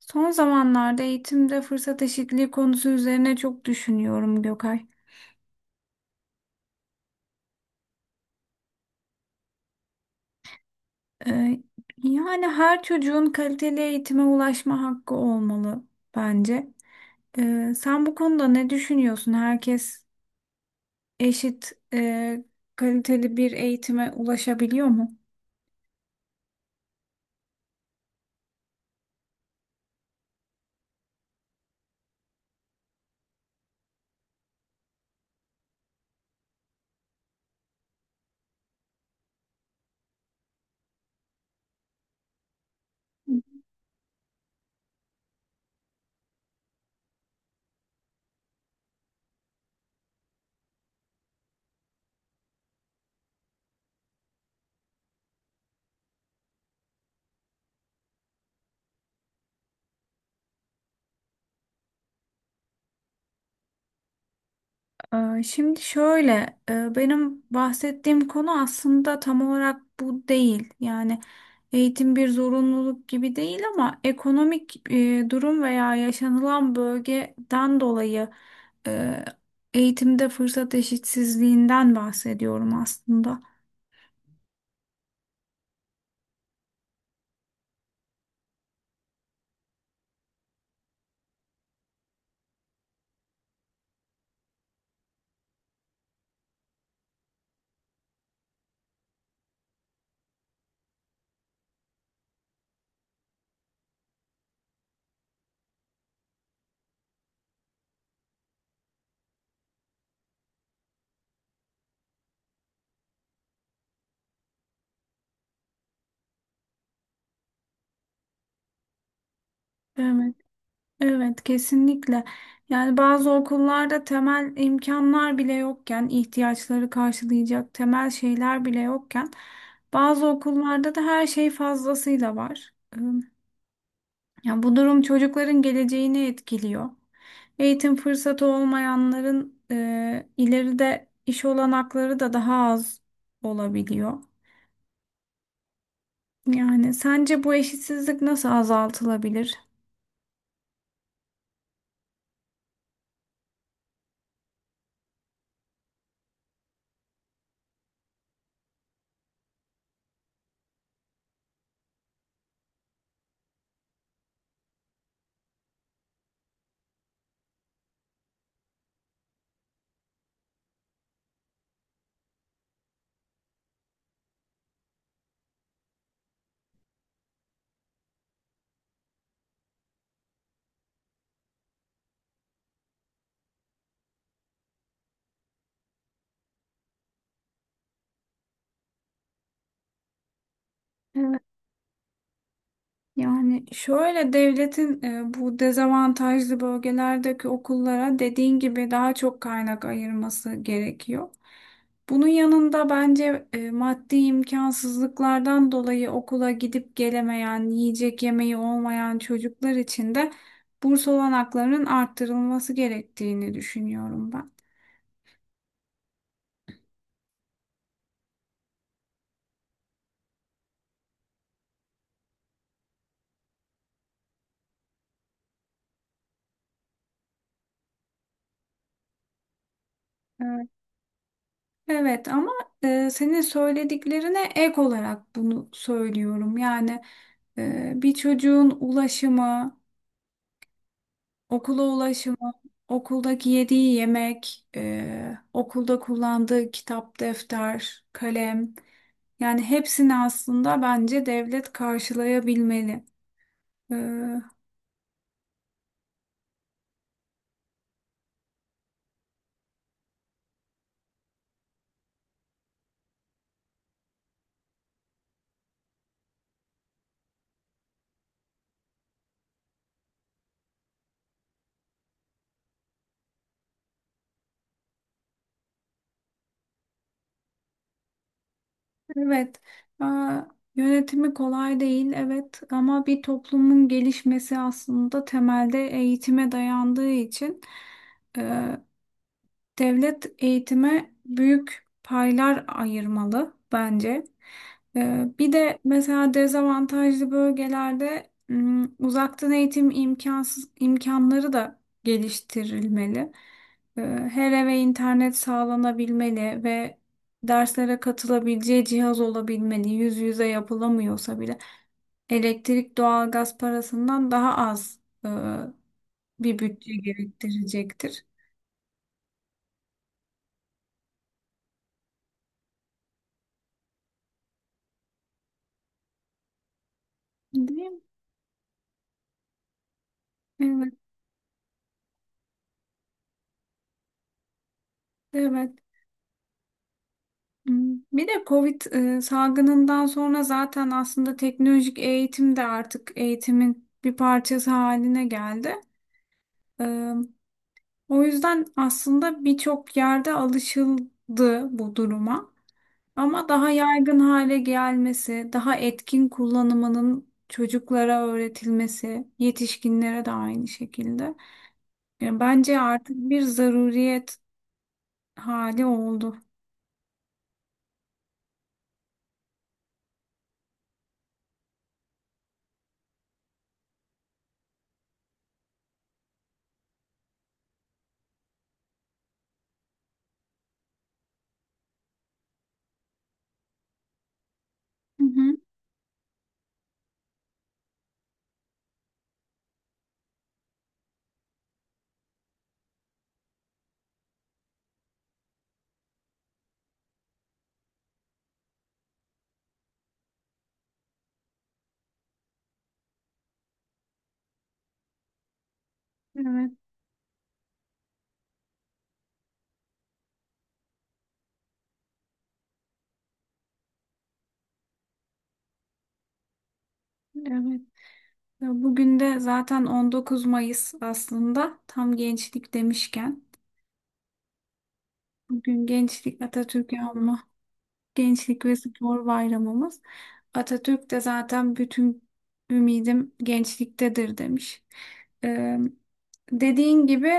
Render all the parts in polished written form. Son zamanlarda eğitimde fırsat eşitliği konusu üzerine çok düşünüyorum Gökay. Ee, Yani her çocuğun kaliteli eğitime ulaşma hakkı olmalı bence. Sen bu konuda ne düşünüyorsun? Herkes eşit kaliteli bir eğitime ulaşabiliyor mu? Şimdi şöyle, benim bahsettiğim konu aslında tam olarak bu değil. Yani eğitim bir zorunluluk gibi değil ama ekonomik durum veya yaşanılan bölgeden dolayı e, eğitimde fırsat eşitsizliğinden bahsediyorum aslında. Evet, kesinlikle. Yani bazı okullarda temel imkanlar bile yokken, ihtiyaçları karşılayacak temel şeyler bile yokken, bazı okullarda da her şey fazlasıyla var. Yani bu durum çocukların geleceğini etkiliyor. Eğitim fırsatı olmayanların ileride iş olanakları da daha az olabiliyor. Yani sence bu eşitsizlik nasıl azaltılabilir? Yani şöyle devletin bu dezavantajlı bölgelerdeki okullara dediğin gibi daha çok kaynak ayırması gerekiyor. Bunun yanında bence maddi imkansızlıklardan dolayı okula gidip gelemeyen, yiyecek yemeği olmayan çocuklar için de burs olanaklarının arttırılması gerektiğini düşünüyorum ben. Evet. Evet, ama senin söylediklerine ek olarak bunu söylüyorum. Yani bir çocuğun ulaşımı, okula ulaşımı, okuldaki yediği yemek, okulda kullandığı kitap, defter, kalem. Yani hepsini aslında bence devlet karşılayabilmeli. E, evet, e, yönetimi kolay değil, evet ama bir toplumun gelişmesi aslında temelde eğitime dayandığı için e, devlet eğitime büyük paylar ayırmalı bence. Bir de mesela dezavantajlı bölgelerde uzaktan eğitim imkansız imkanları da geliştirilmeli. Ee, Her eve internet sağlanabilmeli ve derslere katılabileceği cihaz olabilmeli. Yüz yüze yapılamıyorsa bile elektrik, doğalgaz parasından daha az e, bir bütçe gerektirecektir. Değil mi? Evet, evet. Hmm. Bir de Covid salgınından sonra zaten aslında teknolojik eğitim de artık eğitimin bir parçası haline geldi. E, O yüzden aslında birçok yerde alışıldı bu duruma. Ama daha yaygın hale gelmesi, daha etkin kullanımının çocuklara öğretilmesi, yetişkinlere de aynı şekilde. Yani bence artık bir zaruriyet hali oldu. Hı hı. Evet, evet. Ya bugün de zaten 19 Mayıs aslında tam gençlik demişken. Bugün gençlik Atatürk'ü anma gençlik ve spor bayramımız. Atatürk de zaten bütün ümidim gençliktedir demiş. Ee, Dediğin gibi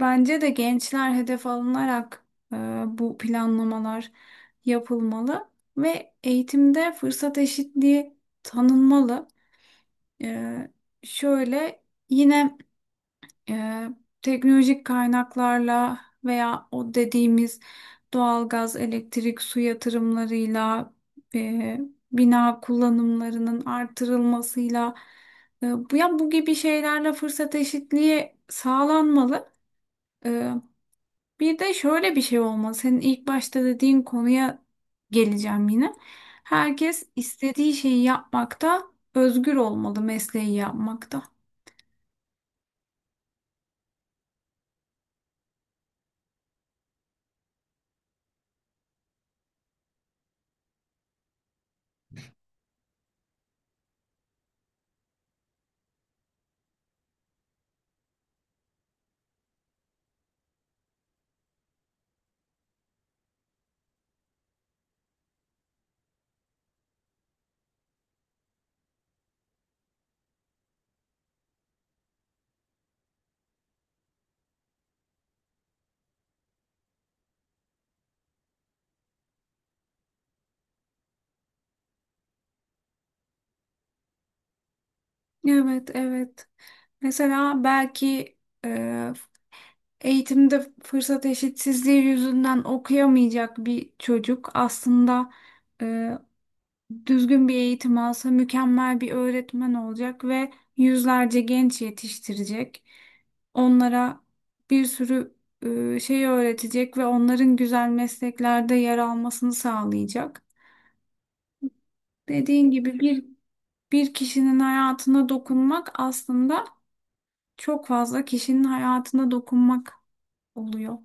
bence de gençler hedef alınarak e, bu planlamalar yapılmalı ve eğitimde fırsat eşitliği tanınmalı. Ee, şöyle yine e, teknolojik kaynaklarla veya o dediğimiz doğalgaz, elektrik, su yatırımlarıyla e, bina kullanımlarının artırılmasıyla bu ya bu gibi şeylerle fırsat eşitliği sağlanmalı. E, Bir de şöyle bir şey olmalı. Senin ilk başta dediğin konuya geleceğim yine. Herkes istediği şeyi yapmakta özgür olmalı, mesleği yapmakta. Evet, evet. Mesela belki e, eğitimde fırsat eşitsizliği yüzünden okuyamayacak bir çocuk aslında e, düzgün bir eğitim alsa mükemmel bir öğretmen olacak ve yüzlerce genç yetiştirecek. Onlara bir sürü şey öğretecek ve onların güzel mesleklerde yer almasını sağlayacak. Dediğin gibi bir kişinin hayatına dokunmak aslında çok fazla kişinin hayatına dokunmak oluyor.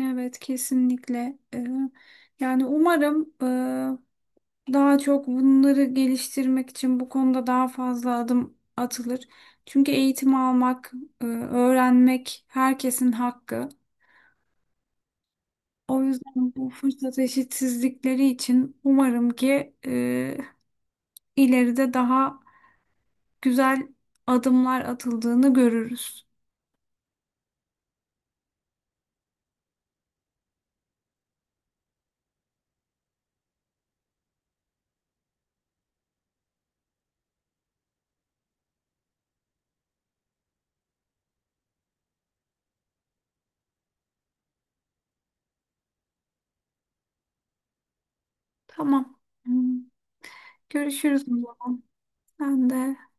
Evet, kesinlikle. Yani umarım daha çok bunları geliştirmek için bu konuda daha fazla adım atılır. Çünkü eğitim almak, öğrenmek herkesin hakkı. O yüzden bu fırsat eşitsizlikleri için umarım ki ileride daha güzel adımlar atıldığını görürüz. Tamam. Hmm. Görüşürüz o zaman. Ben de.